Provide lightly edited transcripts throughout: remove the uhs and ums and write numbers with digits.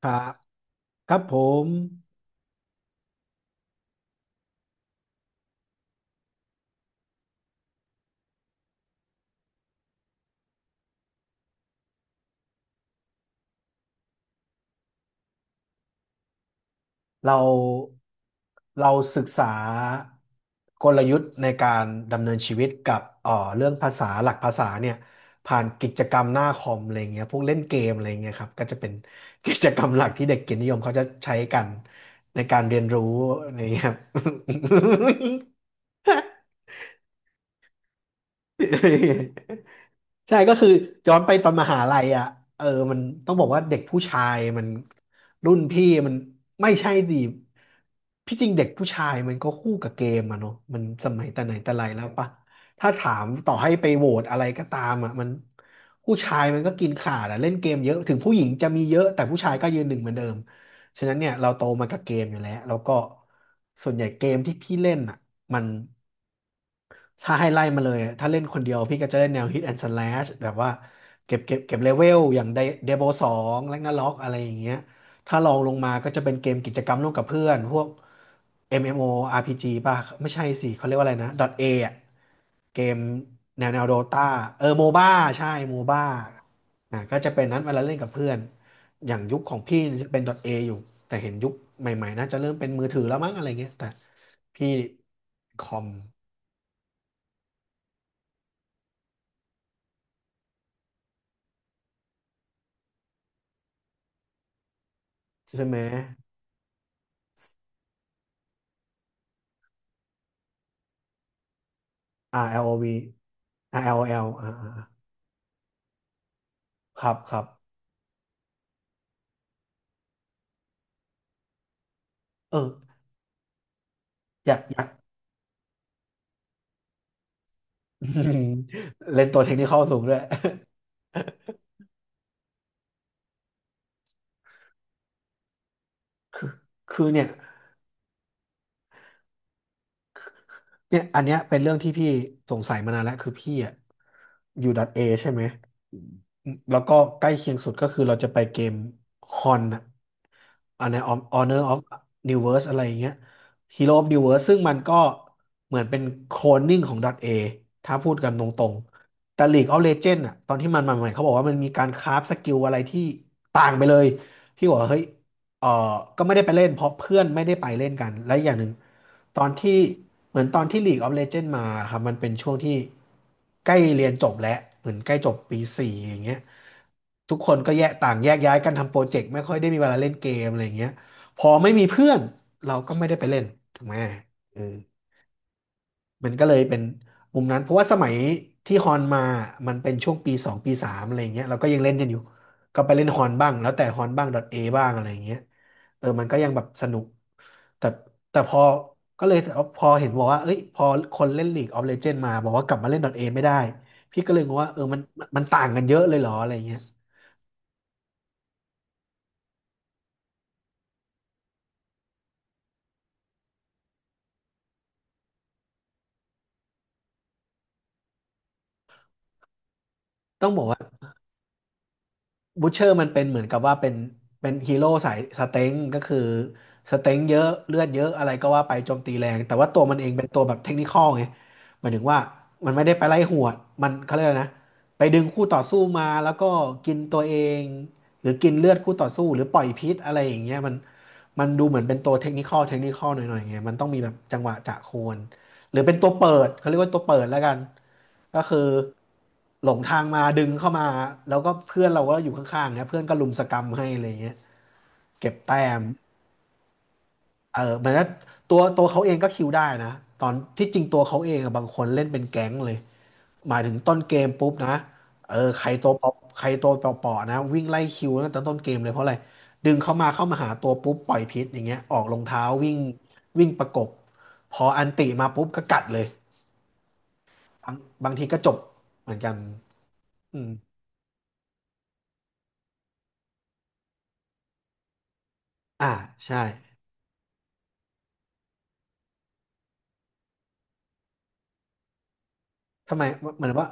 ครับครับผมเราเราศึกษากลยุทธ์ในการดำเนินชีวิตกับเรื่องภาษาหลักภาษาเนี่ยผ่านกิจกรรมหน้าคอมอะไรเงี้ยพวกเล่นเกมอะไรเงี้ยครับก็จะเป็น กิจกรรมหลักที่เด็กเกียรตินิยมเขาจะใช้กันในการเรียนรู้อะไรเงี้ยครับ ใช่ก็คือย้อนไปตอนมหาลัยอ่ะเออมันต้องบอกว่าเด็กผู้ชายมันรุ่นพี่มันไม่ใช่สิพี่จริงเด็กผู้ชายมันก็คู่กับเกมอะเนาะมันสมัยแต่ไหนแต่ไรแล้วปะถ้าถามต่อให้ไปโหวตอะไรก็ตามอ่ะมันผู้ชายมันก็กินขาดอะเล่นเกมเยอะถึงผู้หญิงจะมีเยอะแต่ผู้ชายก็ยืนหนึ่งเหมือนเดิมฉะนั้นเนี่ยเราโตมากับเกมอยู่แล้วแล้วก็ส่วนใหญ่เกมที่พี่เล่นอ่ะมัน ถ้าให้ไล่มาเลย ถ้าเล่นคนเดียวพี่ก็จะเล่นแนว Hit and Slash แบบว่าเก็บเลเวลอย่างเดโบสองแลกนาล็อกอะไรอย่างเงี้ยถ้าลองลงมาก็จะเป็นเกมกิจกรรมร่วมกับเพื่อนพวก MMORPG ป่ะไม่ใช่สิเขาเรียกว่าอะไรนะ .A อะเกมแนวโดตาเออโมบ้าใช่โมบ้าอ่ะก็จะเป็นนั้นเวลาเล่นกับเพื่อนอย่างยุคของพี่จะเป็น .A อยู่แต่เห็นยุคใหม่ๆน่าจะเริ่มเป็นมือถือแล้วมั้งอะไรเงี้ยแต่พี่คอมใช่ไหม R L O V R L O L อ่าร์แอ่าร์แอลแอลอ่าๆครับครับเอออยากอยาก เล่นตัวเทคนิคเข้าสูงด้วย คือเนี่ย เนี่ยอันเนี้ยเป็นเรื่องที่พี่สงสัยมานานแล้วคือพี่อะอยู่ดอทเอใช่ไหมอืมแล้วก็ใกล้เคียงสุดก็คือเราจะไปเกมฮอนอะอันเนี้ย Honor of New Verse อะไรอย่างเงี้ย Hero of New Verse ซึ่งมันก็เหมือนเป็นโคลนนิ่งของดอทเอถ้าพูดกันตรงๆแต่ League of Legends อะตอนที่มันมาใหม่เขาบอกว่ามันมีการคราฟสกิลอะไรที่ต่างไปเลยพี่บอกว่าเฮ้ย เออก็ไม่ได้ไปเล่นเพราะเพื่อนไม่ได้ไปเล่นกันและอย่างหนึ่งตอนที่เหมือนตอนที่ League of Legends มาครับมันเป็นช่วงที่ใกล้เรียนจบแล้วเหมือนใกล้จบปีสี่อย่างเงี้ยทุกคนก็แยกต่างแยกย้ายกันทำโปรเจกต์ไม่ค่อยได้มีเวลาเล่นเกมอะไรอย่างเงี้ยพอไม่มีเพื่อนเราก็ไม่ได้ไปเล่นถูกไหมเออ มันก็เลยเป็นมุมนั้นเพราะว่าสมัยที่ฮอนมามันเป็นช่วงปีสองปีสามอะไรอย่างเงี้ยเราก็ยังเล่นกันอยู่ก็ไปเล่นฮอนบ้างแล้วแต่ฮอนบ้าง a บ้างอะไรอย่างเงี้ยเออมันก็ยังแบบสนุกแต่แต่พอก็เลยพอเห็นบอกว่าเอ้ยพอคนเล่น League of Legends มาบอกว่ากลับมาเล่น A ไม่ได้พี่ก็เลยงงว่าเออมันต่างกันเยอะเลยเหรออะไรอย่างเงี้ยต้องบอกว่า บูชเชอร์มันเป็นเหมือนกับว่าเป็นฮีโร่สายสเต็งก็คือสเต็งเยอะเลือดเยอะอะไรก็ว่าไปโจมตีแรงแต่ว่าตัวมันเองเป็นตัวแบบเทคนิคอลไงหมายถึงว่ามันไม่ได้ไปไล่หวดมันเขาเรียกอะไรนะไปดึงคู่ต่อสู้มาแล้วก็กินตัวเองหรือกินเลือดคู่ต่อสู้หรือปล่อยพิษอะไรอย่างเงี้ยมันมันดูเหมือนเป็นตัวเทคนิคอลหน่อยๆไงมันต้องมีแบบจังหวะจะโคนหรือเป็นตัวเปิดเขาเรียกว่าตัวเปิดแล้วกัน ก็คือหลงทางมาดึงเข้ามาแล้วก็เพื่อนเราก็อยู่ข้างๆเนี่ยเพื่อนก็รุมสกรรมให้อะไรเงี้ยเก็บแต้มเออเหมือนว่าตัวเขาเองก็คิวได้นะตอนที่จริงตัวเขาเองอะบางคนเล่นเป็นแก๊งเลยหมายถึงต้นเกมปุ๊บนะเออใครตัวเปาะใครตัวเปาะๆนะวิ่งไล่คิวตั้งแต่ต้นเกมเลยเพราะอะไรดึงเข้ามาหาตัวปุ๊บปล่อยพิษอย่างเงี้ยออกรองเท้าวิ่งวิ่งประกบพออันติมาปุ๊บก็กัดเลยบางบางทีก็จบเหมือนกันอืมอ่าใช่ ทำไมเหมือนว่า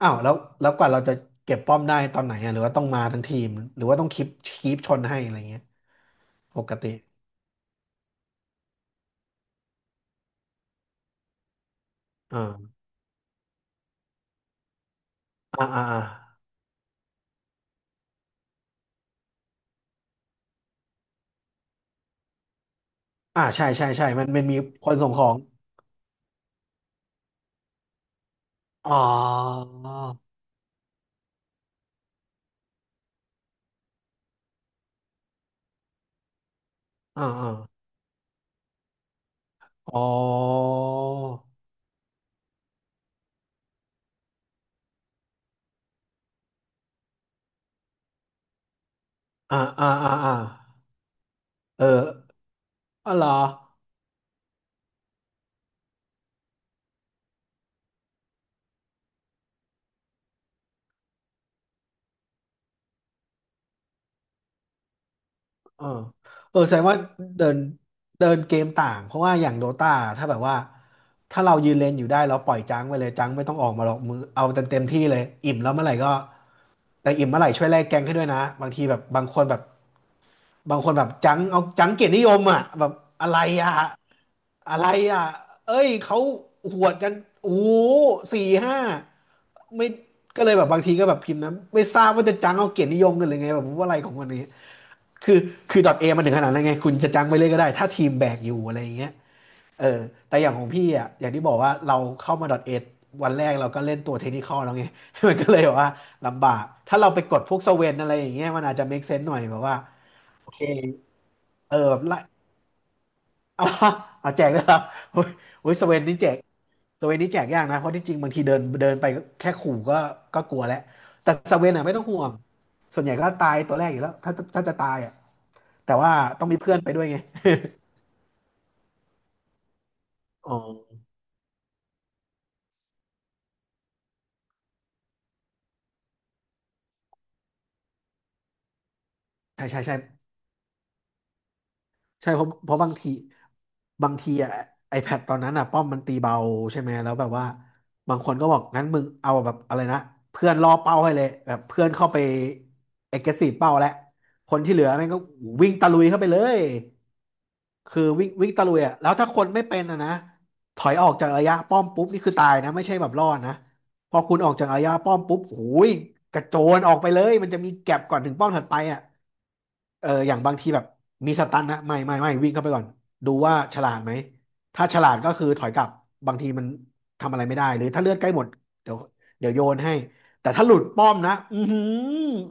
อ้าวแล้วแล้วกว่าเราจะเก็บป้อมได้ตอนไหนอ่ะหรือว่าต้องมาทั้งทีมหรือว่าต้องคีปคีปชนให้อะไรเงี้ยปกติอ่าอ่าอ่าใช่ใช่ใช่มันมันมีคนส่งของอ๋ออ่าอ่าอ๋ออ่าอ่าอ่าอ่าเอออ๋อเหรอ เออเออแสดงว่าเดินเดินเกมต่างเพราะว่าอย่างโดตาถ้าแบบว่าถ้าเรายืนเลนอยู่ได้เราปล่อยจังไปเลยจังไม่ต้องออกมาหรอกมือเอาเต็มที่เลยอิ่มแล้วเมื่อไหร่ก็แต่อิ่มเมื่อไหร่ช่วยแลกแกงให้ด้วยนะบางทีแบบบางคนแบบจังเอาจังเกียรตินิยมอ่ะแบบอะไรอ่ะอะไรอ่ะเอ้ยเขาหวดกันโอ้โหสี่ห้าไม่ก็เลยแบบบางทีก็แบบพิมพ์นะไม่ทราบว่าจะจังเอาเกียรตินิยมกันหรือไงแบบว่าอะไรของวันนี้ คือคือดอทเอมันถึงขนาดนั้นไงคุณจะจังไปเลยก็ได้ถ้าทีมแบกอยู่อะไรอย่างเงี้ยเออแต่อย่างของพี่อ่ะอย่างที่บอกว่าเราเข้ามาดอทเอวันแรกเราก็เล่นตัวเทคนิคอลแล้วไง มันก็เลยแบบว่าลำบากถ้าเราไปกดพวกสเวนอะไรอย่างเงี้ยมันอาจจะ make sense หน่อยแบบว่าโอเคเออแบบไล่ เอาเอาแจกด้วยครับ โอ้ยโอ้ยสเวนนี่แจกยากนะเพราะที่จริงบางทีเดินเดินไปก็แค่ขู่ก็กลัวแล้วแต่สเวนอ่ะไม่ต้องห่วงส่วนใหญ่ก็ตายตัวแรกอยู่แล้วถ้าจะตายอ่ะแต่ว่าต้องมีเพื่อนไปด้วยไง อ๋อใช่ใช่ใช่ ใช่เพราะบางทีอะไอแพดตอนนั้นอะป้อมมันตีเบาใช่ไหมแล้วแบบว่าบางคนก็บอกงั้นมึงเอาแบบอะไรนะเพื่อนล่อเป้าให้เลยแบบเพื่อนเข้าไป aggressive เป้าแล้วคนที่เหลือแม่งก็วิ่งตะลุยเข้าไปเลยคือวิ่งวิ่งตะลุยอะแล้วถ้าคนไม่เป็นอะนะถอยออกจากระยะป้อมปุ๊บนี่คือตายนะไม่ใช่แบบรอดนะพอคุณออกจากระยะป้อมปุ๊บโอ้ยกระโจนออกไปเลยมันจะมีแก็ปก่อนถึงป้อมถัดไปอะเอออย่างบางทีแบบ มีสตันนะไม่ไม่ไม่วิ่งเข้าไปก่อนดูว่าฉลาดไหมถ้าฉลาดก็คือถอยกลับบางทีมันทำอะไรไม่ได้หรือถ้าเลือดใกล้หมดเดี๋ยวเดี๋ยวโยนให้แต่ถ้าหลุดป้อมนะอือหือ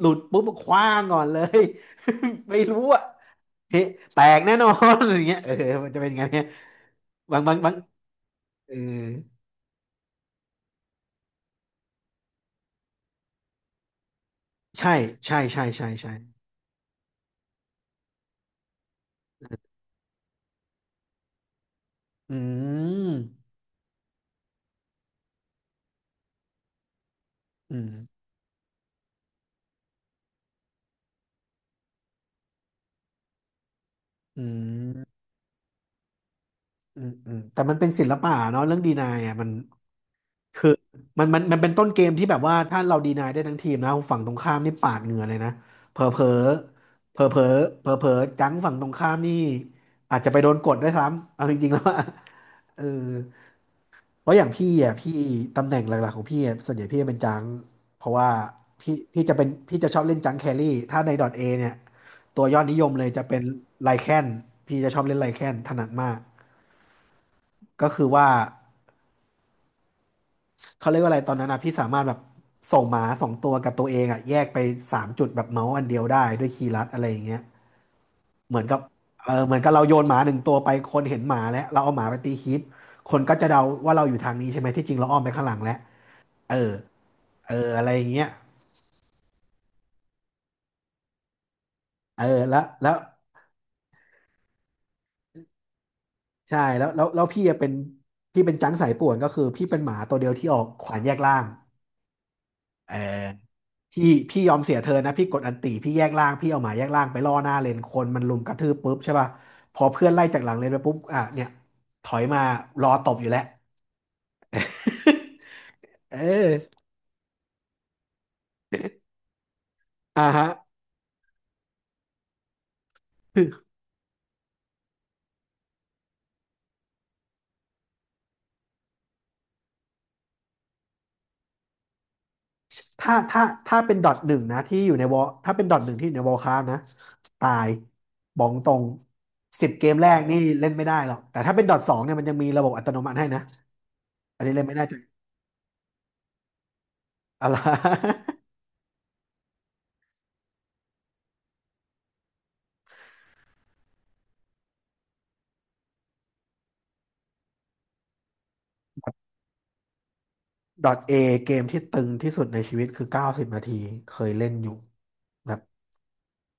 หลุดปุ๊บคว้างก่อนเลย ไม่รู้อะเฮ้แตกแน่นอนอย่างเงี้ยเออมันจะเป็นไงเนี่ยบางบางบางเออใช่ใช่ใช่ใช่ใช่อืมอืมอืมอืมอืมแต่มันเป็นศิลปะเนาะเรื่องดีนายอะมัน คือมันเป็นต้นเกมที่แบบว่าถ้าเราดีนายได้ทั้งทีมนะฝั่งตรงข้ามนี่ปาดเหงื่อเลยนะเผลอเผลอเผลอเผลอเผลอเผลอจังฝั่งตรงข้ามนี่อาจจะไปโดนกดด้วยซ้ำเอาจริงๆแล้วอะ เออเพราะอย่างพี่อ่ะพี่ตำแหน่งหลักๆของพี่อะส่วนใหญ่พี่จะเป็นจังเพราะว่าพี่จะชอบเล่นจังแครี่ถ้าในดอทเอเนี่ยตัวยอดนิยมเลยจะเป็นไลแคนพี่จะชอบเล่นไลแคนถนัดมากก็คือว่า เขาเรียกว่าอะไรตอนนั้นนะพี่สามารถแบบส่งหมาสองตัวกับตัวเองอ่ะแยกไปสามจุดแบบเมาส์อันเดียวได้ด้วยคีย์ลัดอะไรอย่างเงี้ยเหมือนกับเออเหมือนกับเราโยนหมาหนึ่งตัวไปคนเห็นหมาแล้วเราเอาหมาไปตีคลิปคนก็จะเดาว่าเราอยู่ทางนี้ใช่ไหมที่จริงเราอ้อมไปข้างหลังแล้วเออเอออะไรอย่างเงี้ยเออแล้วแล้วใช่แล้วแล้วแล้วพี่อะเป็นพี่เป็นจังสายป่วนก็คือพี่เป็นหมาตัวเดียวที่ออกขวานแยกล่างเออ พี่พี่ยอมเสียเธอนะพี่กดอันติพี่แยกล่างพี่เอาหมาแยกล่างไปล่อหน้าเลนคนมันลุมกระทืบปุ๊บใช่ป่ะพอเพื่อนไล่จากหลังเลนไปปุ๊บอ่ะเนี่ยถอยมารอตบอยู่แล้ว เอออ่าฮะถ้าเป็นดอทหนึ่งนะที่อยู่ในวอลถ้าเป็นดอทหนึ่งที่อยู่ในวอลคราฟนะตายบอกตรง10 เกมแรกนี่เล่นไม่ได้หรอกแต่ถ้าเป็นดอทสองเนี่ยมันยังมีระบบอัตโนมัติให้นะอันนี้เล่นไม่ได้จังอะไร ดอทเอเกมที่ตึงที่สุดในชีวิตคือ90 นาทีเคยเล่นอยู่ แบบ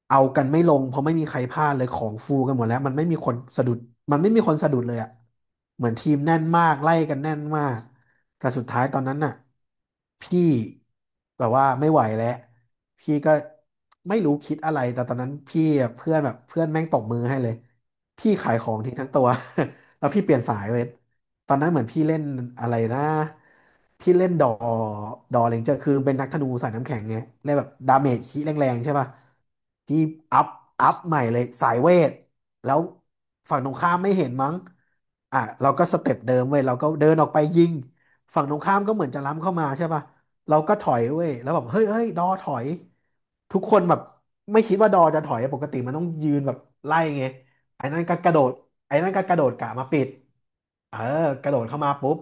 เอากันไม่ลงเพราะไม่มีใครพลาดเลยของฟูกันหมดแล้วมันไม่มีคนสะดุดมันไม่มีคนสะดุดเลยอะเหมือนทีมแน่นมากไล่กันแน่นมากแต่สุดท้ายตอนนั้นน่ะพี่แบบว่าไม่ไหวแล้วพี่ก็ไม่รู้คิดอะไรแต่ตอนนั้นพี่อะเพื่อนแบบเพื่อนแม่งตบมือให้เลยพี่ขายของทิ้งทั้งตัว แล้วพี่เปลี่ยนสายเลย ตอนนั้นเหมือนพี่เล่นอะไรนะพี่เล่นดอ ดอเลนเจอร์คือเป็นนักธนูสายน้ำแข็งไงเล่นแบบดาเมจคีแรงๆใช่ป่ะพี่อัพอัพใหม่เลยสายเวทแล้วฝั่งตรงข้ามไม่เห็นมั้งอ่ะเราก็สเต็ปเดิมเว้ยเราก็เดินออกไปยิงฝั่งตรงข้ามก็เหมือนจะล้ำเข้ามาใช่ป่ะเราก็ถอยเว้ยแล้วแบบเฮ้ยเฮ้ยดอถอยทุกคนแบบไม่คิดว่าดอจะถอยปกติมันต้องยืนแบบไล่ไงไอ้นั่นก็กระโดด ไอ้นั่นก็กระโดดกะมาปิดเออกระโดดเข้ามาปุ๊บ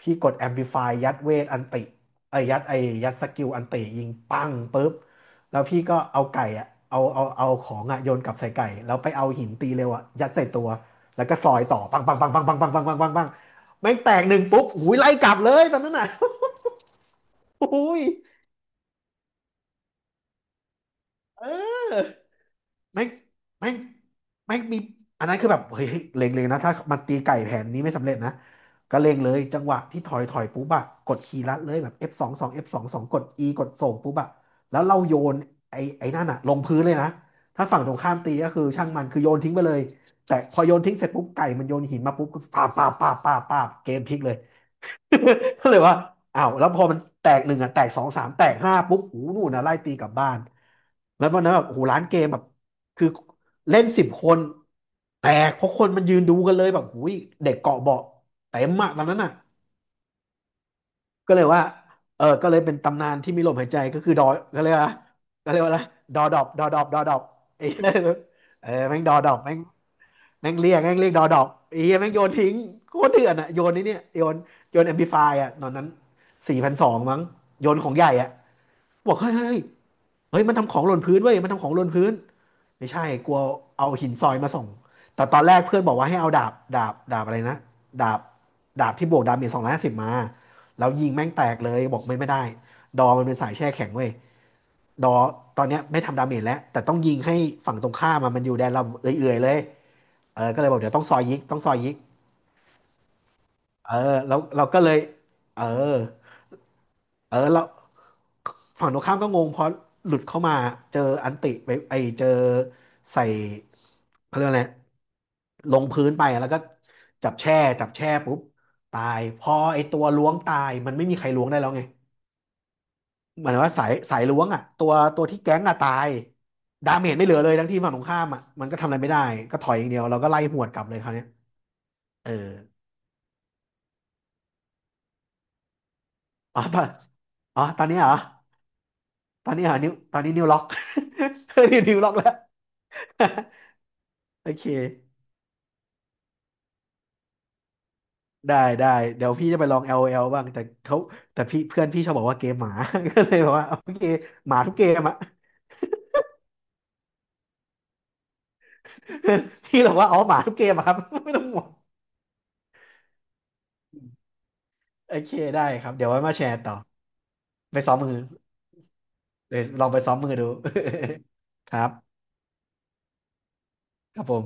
พี่กดแอม l i ิฟายยัดเวทอันติไอ้ยยัดไอ้ยัดสกิลอันติยิงปังปุ๊บแล้วพี่ก็เอาไก่อะเอาของอะโยนกลับใส่ไก่แล้วไปเอาหินตีเร็วอะยัดใส่ตัวแล้วก็ซอยต่อปังปังปังปังปังปังปังปังปังปังแม่งแตกหนึ่งปุ๊บอุ้ยไล่กลับเลยตอนนั้นน่ะ อุ้ยเออ แม่งแม่งแม่งมีอันนั้นคือแบบเฮ้ยเฮ้ยเล็งเลยนะถ้ามันตีไก่แผนนี้ไม่สำเร็จนะก็เล็งเลยจังหวะที่ถอยปุ๊บอะกดคีย์ลัดเลยแบบ F สองสอง F สองสองกด E กดส่งปุ๊บอะแล้วเราโยนไอ้นั่นอะลงพื้นเลยนะถ้าฝั่งตรงข้ามตีก็คือช่างมันคือโยนทิ้งไปเลยแต่พอโยนทิ้งเสร็จปุ๊บไก่มันโยนหินมาปุ๊บก็ปาบปาบปาบปาบปาบเกมพลิกเลย ก็เลยว่าอ้าวแล้วพอมันแตกหนึ่งอ่ะแตกสองสามแตกห้าปุ๊บโอ้โหนูนนะไล่ตีกลับบ้านแล้ววันนั้นแบบโอ้โหร้านเกมแบบคือเล่นสิบคน แตกเพราะคนมันยืนดูกันเลยแบบหูยเด็กเกาะเบาะเต็มอะตอนนั้นอ่ะก็เลยว่าเออก็เลยเป็นตำนานที่มีลมหายใจก็คือดอก็เลยว่าก็เลยว่าอะไรดอดอบดอดอบดอดอบไอ้ เออแม่งดอดอบแม่ง แม่งเรียกดอดอกไอ้เหี้ยแม่งโยนทิ้งโคตรเถื่อนอ่ะโยนนี่เนี่ยโยนแอมพลิฟายอ่ะตอนนั้นสี่พันสองมั้งโยนของใหญ่อ่ะบอกเฮ้ยมันทำของหล่นพื้นเว้ยมันทำของหล่นพื้นไม่ใช่กลัวเอาหินซอยมาส่งแต่ตอนแรกเพื่อนบอกว่าให้เอาดาบอะไรนะดาบดาบที่บวกดาเมจ250มาแล้วยิงแม่งแตกเลยบอกไม่ได้ดอมันเป็นสายแช่แข็งเว้ยดอตอนเนี้ยไม่ทำดาเมจแล้วแต่ต้องยิงให้ฝั่งตรงข้ามอะมันอยู่แดนเราเอื่อยๆเลย เออก็เลยบอกเดี๋ยวต้องซอยยิกต้องซอยยิกเออแล้วเราก็เลยเออเออแล้วฝั่งตรงข้ามก็งงเพราะหลุดเข้ามาเจออันติไปไอเจอใส่เขาเรียกว่าอะไรลงพื้นไปแล้วก็จับแช่จับแช่ปุ๊บตายพอไอตัวล้วงตายมันไม่มีใครล้วงได้แล้วไงหมายถึงว่าสายล้วงอ่ะตัวที่แก๊งอ่ะตายดาเมจไม่เหลือเลยทั้งที่ฝั่งตรงข้ามอ่ะมันก็ทำอะไรไม่ได้ก็ถอยอย่างเดียวเราก็ไล่หวดกลับเลยคราวเนี้ยเอออ๋อตอนอ๋อตอนนี้เหรอ ตอนนี้หานิ้วตอนนี้นิ้วล็อก ตอนิ้นิ้วล็อกแล้ว โอเคได้ได้เดี๋ยวพี่จะไปลอง LOL บ้างแต่เขาแต่พี่เพื่อนพี่ชอบบอกว่าเกมหมา ก็เลยบอกว่าโอเคหมาทุกเกมอ่ะ พี่บอกว่าอ๋อหมาทุกเกมอะครับ ไม่ต้องห่วงโอเคได้ครับเดี๋ยวไว้มาแชร์ต่อไปซ้อมมือเดี๋ยวลองไปซ้อมมือดู ครับครับผม